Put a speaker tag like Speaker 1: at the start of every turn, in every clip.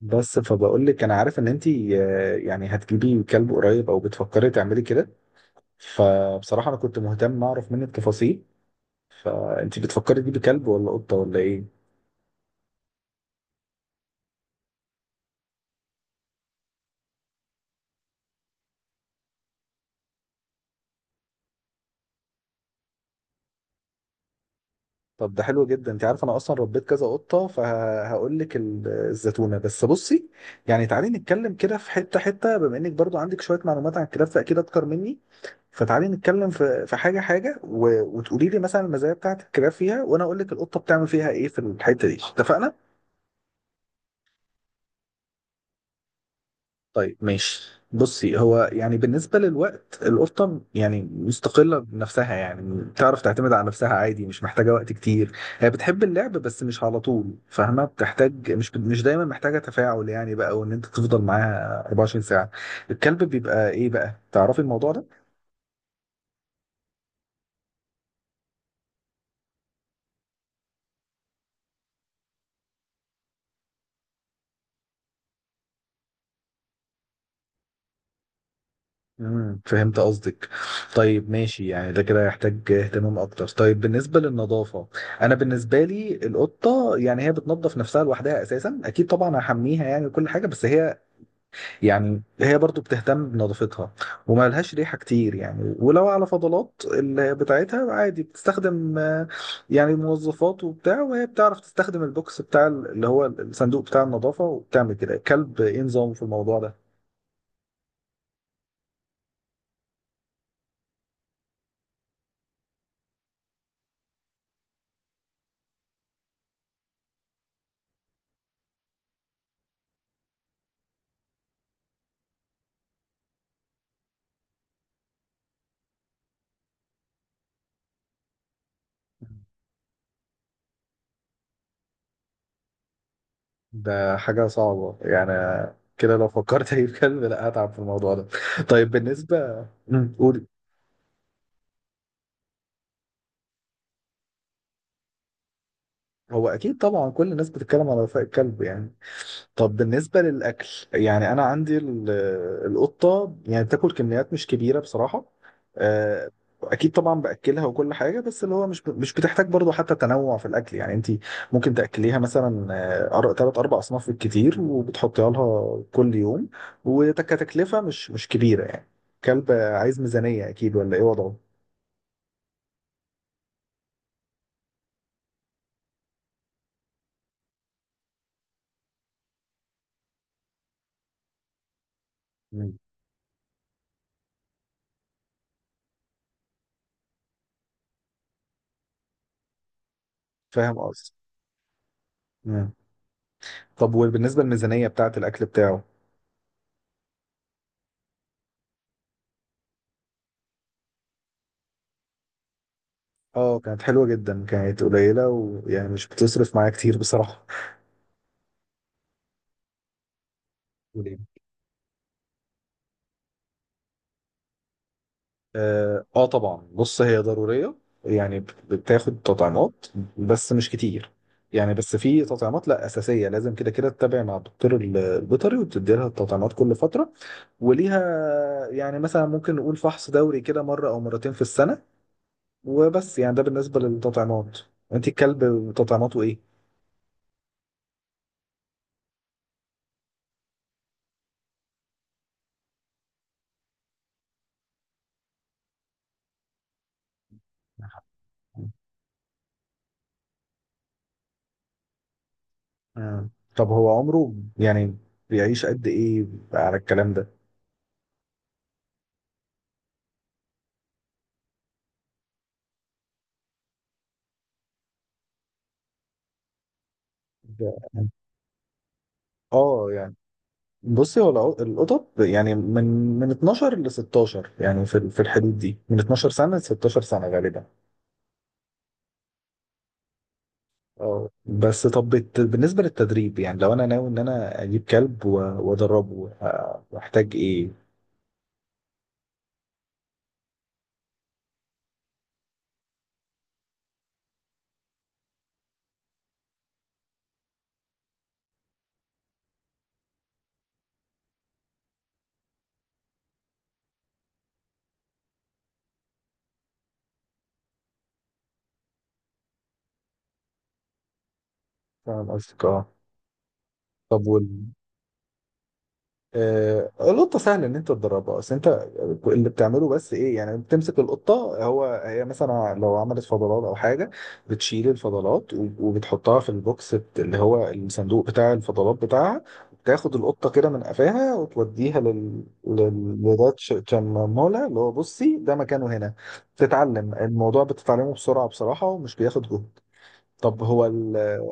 Speaker 1: بس فبقول لك انا عارف ان انت يعني هتجيبي كلب قريب او بتفكري تعملي كده. فبصراحه انا كنت مهتم اعرف منك تفاصيل. فانت بتفكري تجيبي كلب ولا قطه ولا ايه؟ طب ده حلو جدا، انت عارف انا اصلا ربيت كذا قطه فهقول لك الزتونه. بس بصي، يعني تعالي نتكلم كده في حته حته، بما انك برضو عندك شويه معلومات عن الكلاب فاكيد اكتر مني. فتعالي نتكلم في حاجه حاجه و- وتقولي لي مثلا المزايا بتاعت الكلاب فيها، وانا اقول لك القطه بتعمل فيها ايه في الحته دي. اتفقنا؟ طيب ماشي، بصي، هو يعني بالنسبة للوقت القطة يعني مستقلة بنفسها، يعني بتعرف تعتمد على نفسها عادي، مش محتاجة وقت كتير. هي بتحب اللعب بس مش على طول، فاهمة؟ بتحتاج مش دايما محتاجة تفاعل يعني بقى، وان انت تفضل معاها 24 ساعة. الكلب بيبقى ايه بقى، تعرفي الموضوع ده؟ فهمت قصدك. طيب ماشي، يعني ده كده يحتاج اهتمام اكتر. طيب بالنسبه للنظافه، انا بالنسبه لي القطه، يعني هي بتنظف نفسها لوحدها اساسا، اكيد طبعا هحميها يعني وكل حاجه، بس هي يعني هي برضو بتهتم بنظافتها. وما لهاش ريحه كتير يعني. ولو على فضلات بتاعتها عادي بتستخدم يعني موظفات وبتاع، وهي بتعرف تستخدم البوكس بتاع اللي هو الصندوق بتاع النظافه وبتعمل كده. الكلب ايه نظامه في الموضوع ده؟ ده حاجة صعبة يعني. كده لو فكرت اجيب كلب لا هتعب في الموضوع ده. طيب بالنسبة قولي. هو اكيد طبعا كل الناس بتتكلم على وفاء الكلب يعني. طب بالنسبة للأكل، يعني أنا عندي ال- القطة يعني بتاكل كميات مش كبيرة بصراحة. آه، أكيد طبعا بأكلها وكل حاجة، بس اللي هو مش بتحتاج برضو حتى تنوع في الأكل يعني. أنت ممكن تأكليها مثلا ثلاث أربع أصناف بالكتير، وبتحطيها لها كل يوم. وكتكلفة مش كبيرة يعني. كلب عايز ميزانية أكيد، ولا إيه وضعه؟ مم. فاهم قصدي؟ مم. طب وبالنسبة للميزانية بتاعة الأكل بتاعه؟ اه، كانت حلوة جدا، كانت قليلة، ويعني مش بتصرف معايا كتير بصراحة. وليه؟ اه آه طبعا، بص هي ضرورية، يعني بتاخد تطعيمات، بس مش كتير. يعني بس في تطعيمات لا، أساسية لازم كده كده تتابع مع الدكتور البيطري، وبتدي لها التطعيمات كل فترة وليها. يعني مثلا ممكن نقول فحص دوري كده مرة أو مرتين في السنة، وبس. يعني ده بالنسبة للتطعيمات. انت الكلب تطعيماته ايه؟ مم. طب هو عمره يعني بيعيش قد ايه على الكلام ده؟ ده- اه يعني، بصي هو القطط يعني من 12 ل 16 يعني في في الحدود دي، من 12 سنة ل 16 سنة غالبا. اه بس طب بالنسبة للتدريب، يعني لو انا ناوي ان انا اجيب كلب وادربه محتاج ايه؟ فاهم قصدك، اه. طب القطة سهل إن أنت تدربها، بس أنت اللي بتعمله بس إيه يعني، بتمسك القطة، هو هي مثلا لو عملت فضلات أو حاجة بتشيل الفضلات و- وبتحطها في البوكس اللي هو الصندوق بتاع الفضلات بتاعها. بتاخد القطة كده من قفاها وتوديها لده تشممولها اللي هو بصي ده مكانه هنا. تتعلم الموضوع، بتتعلمه بسرعة بصراحة ومش بياخد جهد. طب هو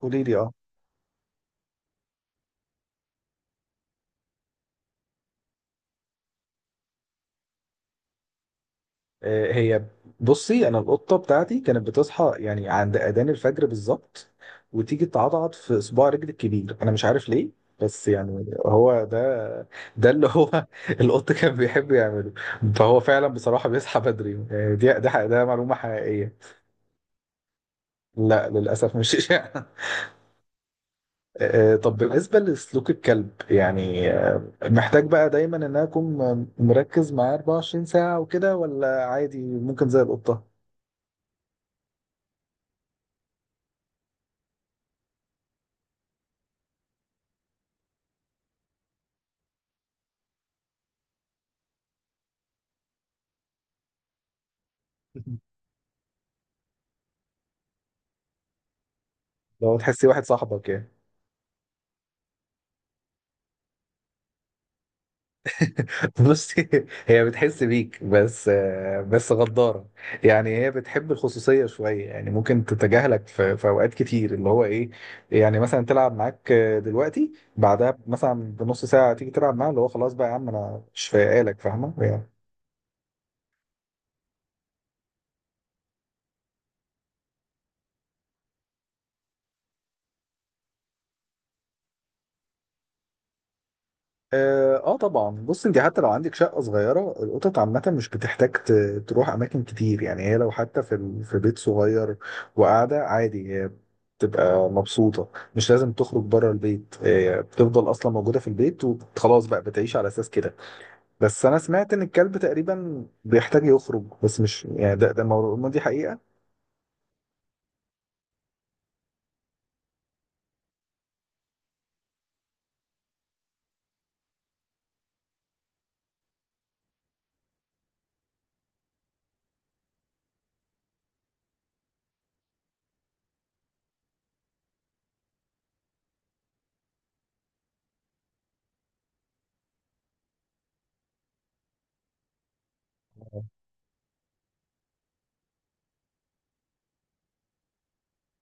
Speaker 1: قولي لي، اه. هي، بصي انا القطه بتاعتي كانت بتصحى يعني عند اذان الفجر بالظبط، وتيجي تعضعض في صباع رجلي الكبير، انا مش عارف ليه. بس يعني هو ده، اللي هو القط كان بيحب يعمله. فهو فعلا بصراحه بيصحى بدري. ده معلومه حقيقيه، لا للاسف مش إشاعة. طب بالنسبه لسلوك الكلب، يعني محتاج بقى دايما ان انا اكون مركز معاه 24 ساعه وكده، ولا عادي ممكن زي القطه؟ لو تحسي واحد صاحبك يعني. بصي، هي بتحس بيك بس. بس غدارة، يعني هي بتحب الخصوصية شوية، يعني ممكن تتجاهلك في أوقات كتير، اللي هو إيه يعني، مثلا تلعب معاك دلوقتي، بعدها مثلا بنص ساعة تيجي تلعب معاه، اللي هو خلاص بقى يا عم أنا مش فايقالك، فاهمة يعني. اه آه طبعا، بص انت حتى لو عندك شقه صغيره القطط عامه مش بتحتاج تروح اماكن كتير يعني. هي لو حتى في في بيت صغير وقاعده عادي هي بتبقى مبسوطه. مش لازم تخرج بره البيت، هي بتفضل اصلا موجوده في البيت وخلاص بقى، بتعيش على اساس كده. بس انا سمعت ان الكلب تقريبا بيحتاج يخرج، بس مش يعني دي حقيقه؟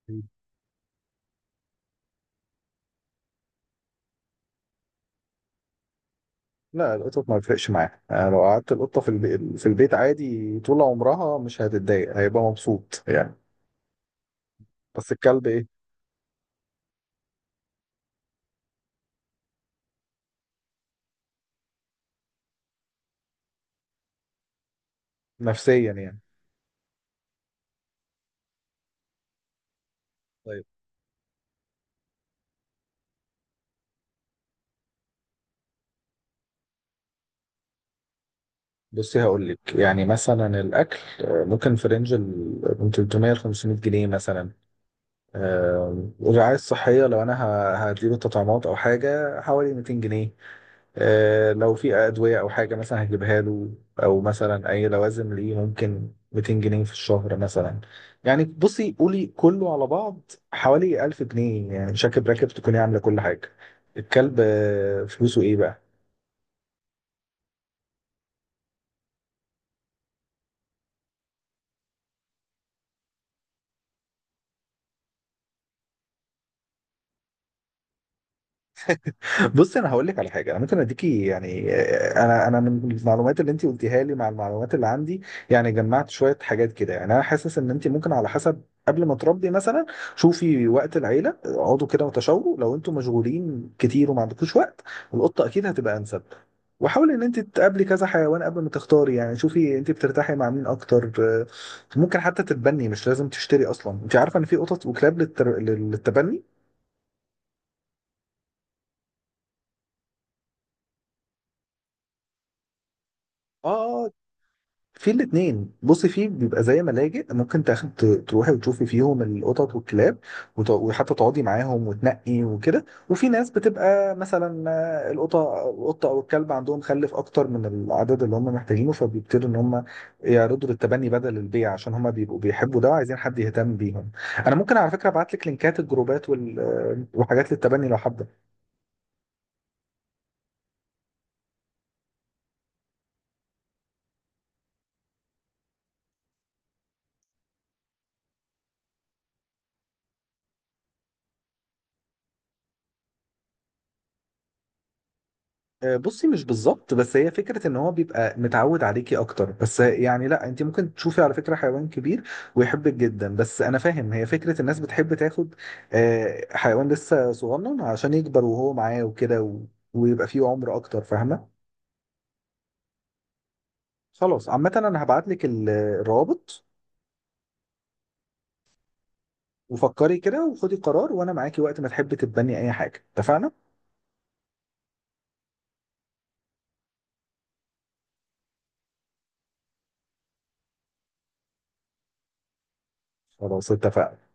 Speaker 1: لا، القطط ما بيفرقش معاها يعني. لو قعدت القطه في البيت عادي طول عمرها مش هتتضايق، هيبقى مبسوط يعني. بس الكلب ايه، نفسيا يعني؟ طيب بصي، هقول لك يعني مثلا الاكل ممكن في رينج ال من 300 ل 500 جنيه مثلا. الرعاية الصحية لو أنا هجيب التطعيمات أو حاجة حوالي 200 جنيه. لو في أدوية أو حاجة مثلا هجيبها له، أو مثلا أي لوازم ليه ممكن 200 جنيه في الشهر مثلا. يعني بصي، قولي كله على بعض حوالي 1000 جنيه يعني، شاكب راكب تكوني عاملة كل حاجة. الكلب فلوسه إيه بقى؟ بص انا هقول لك على حاجه، انا ممكن اديكي يعني، انا من المعلومات اللي انت قلتيها لي مع المعلومات اللي عندي يعني جمعت شويه حاجات كده، يعني انا حاسس ان انت ممكن على حسب، قبل ما تربي مثلا، شوفي وقت العيله، اقعدوا كده وتشاوروا. لو انتوا مشغولين كتير وما عندكوش وقت، القطه اكيد هتبقى انسب. وحاولي ان انت تقابلي كذا حيوان قبل ما تختاري، يعني شوفي انت بترتاحي مع مين اكتر. ممكن حتى تتبني، مش لازم تشتري اصلا. انت عارفه ان في قطط وكلاب للتبني. اه في الاثنين، بصي في بيبقى زي ملاجئ، ممكن تاخد تروحي وتشوفي فيهم القطط والكلاب، وت- وحتى تقعدي معاهم وتنقي وكده. وفي ناس بتبقى مثلا القطه او الكلب عندهم خلف اكتر من العدد اللي هم محتاجينه، فبيبتدوا ان هم يعرضوا للتبني بدل البيع، عشان هم بيبقوا بيحبوا ده وعايزين حد يهتم بيهم. انا ممكن على فكره ابعت لك لينكات الجروبات وحاجات للتبني لو حابه. بصي، مش بالظبط، بس هي فكرة ان هو بيبقى متعود عليكي اكتر، بس يعني لا، انت ممكن تشوفي على فكرة حيوان كبير ويحبك جدا. بس انا فاهم، هي فكرة الناس بتحب تاخد حيوان لسه صغنن عشان يكبر وهو معاه وكده ويبقى فيه عمر اكتر، فاهمة؟ خلاص عامة انا هبعت لك الروابط، وفكري كده وخدي قرار، وانا معاكي وقت ما تحبي تتبني اي حاجة. اتفقنا؟ خلاص اتفقنا.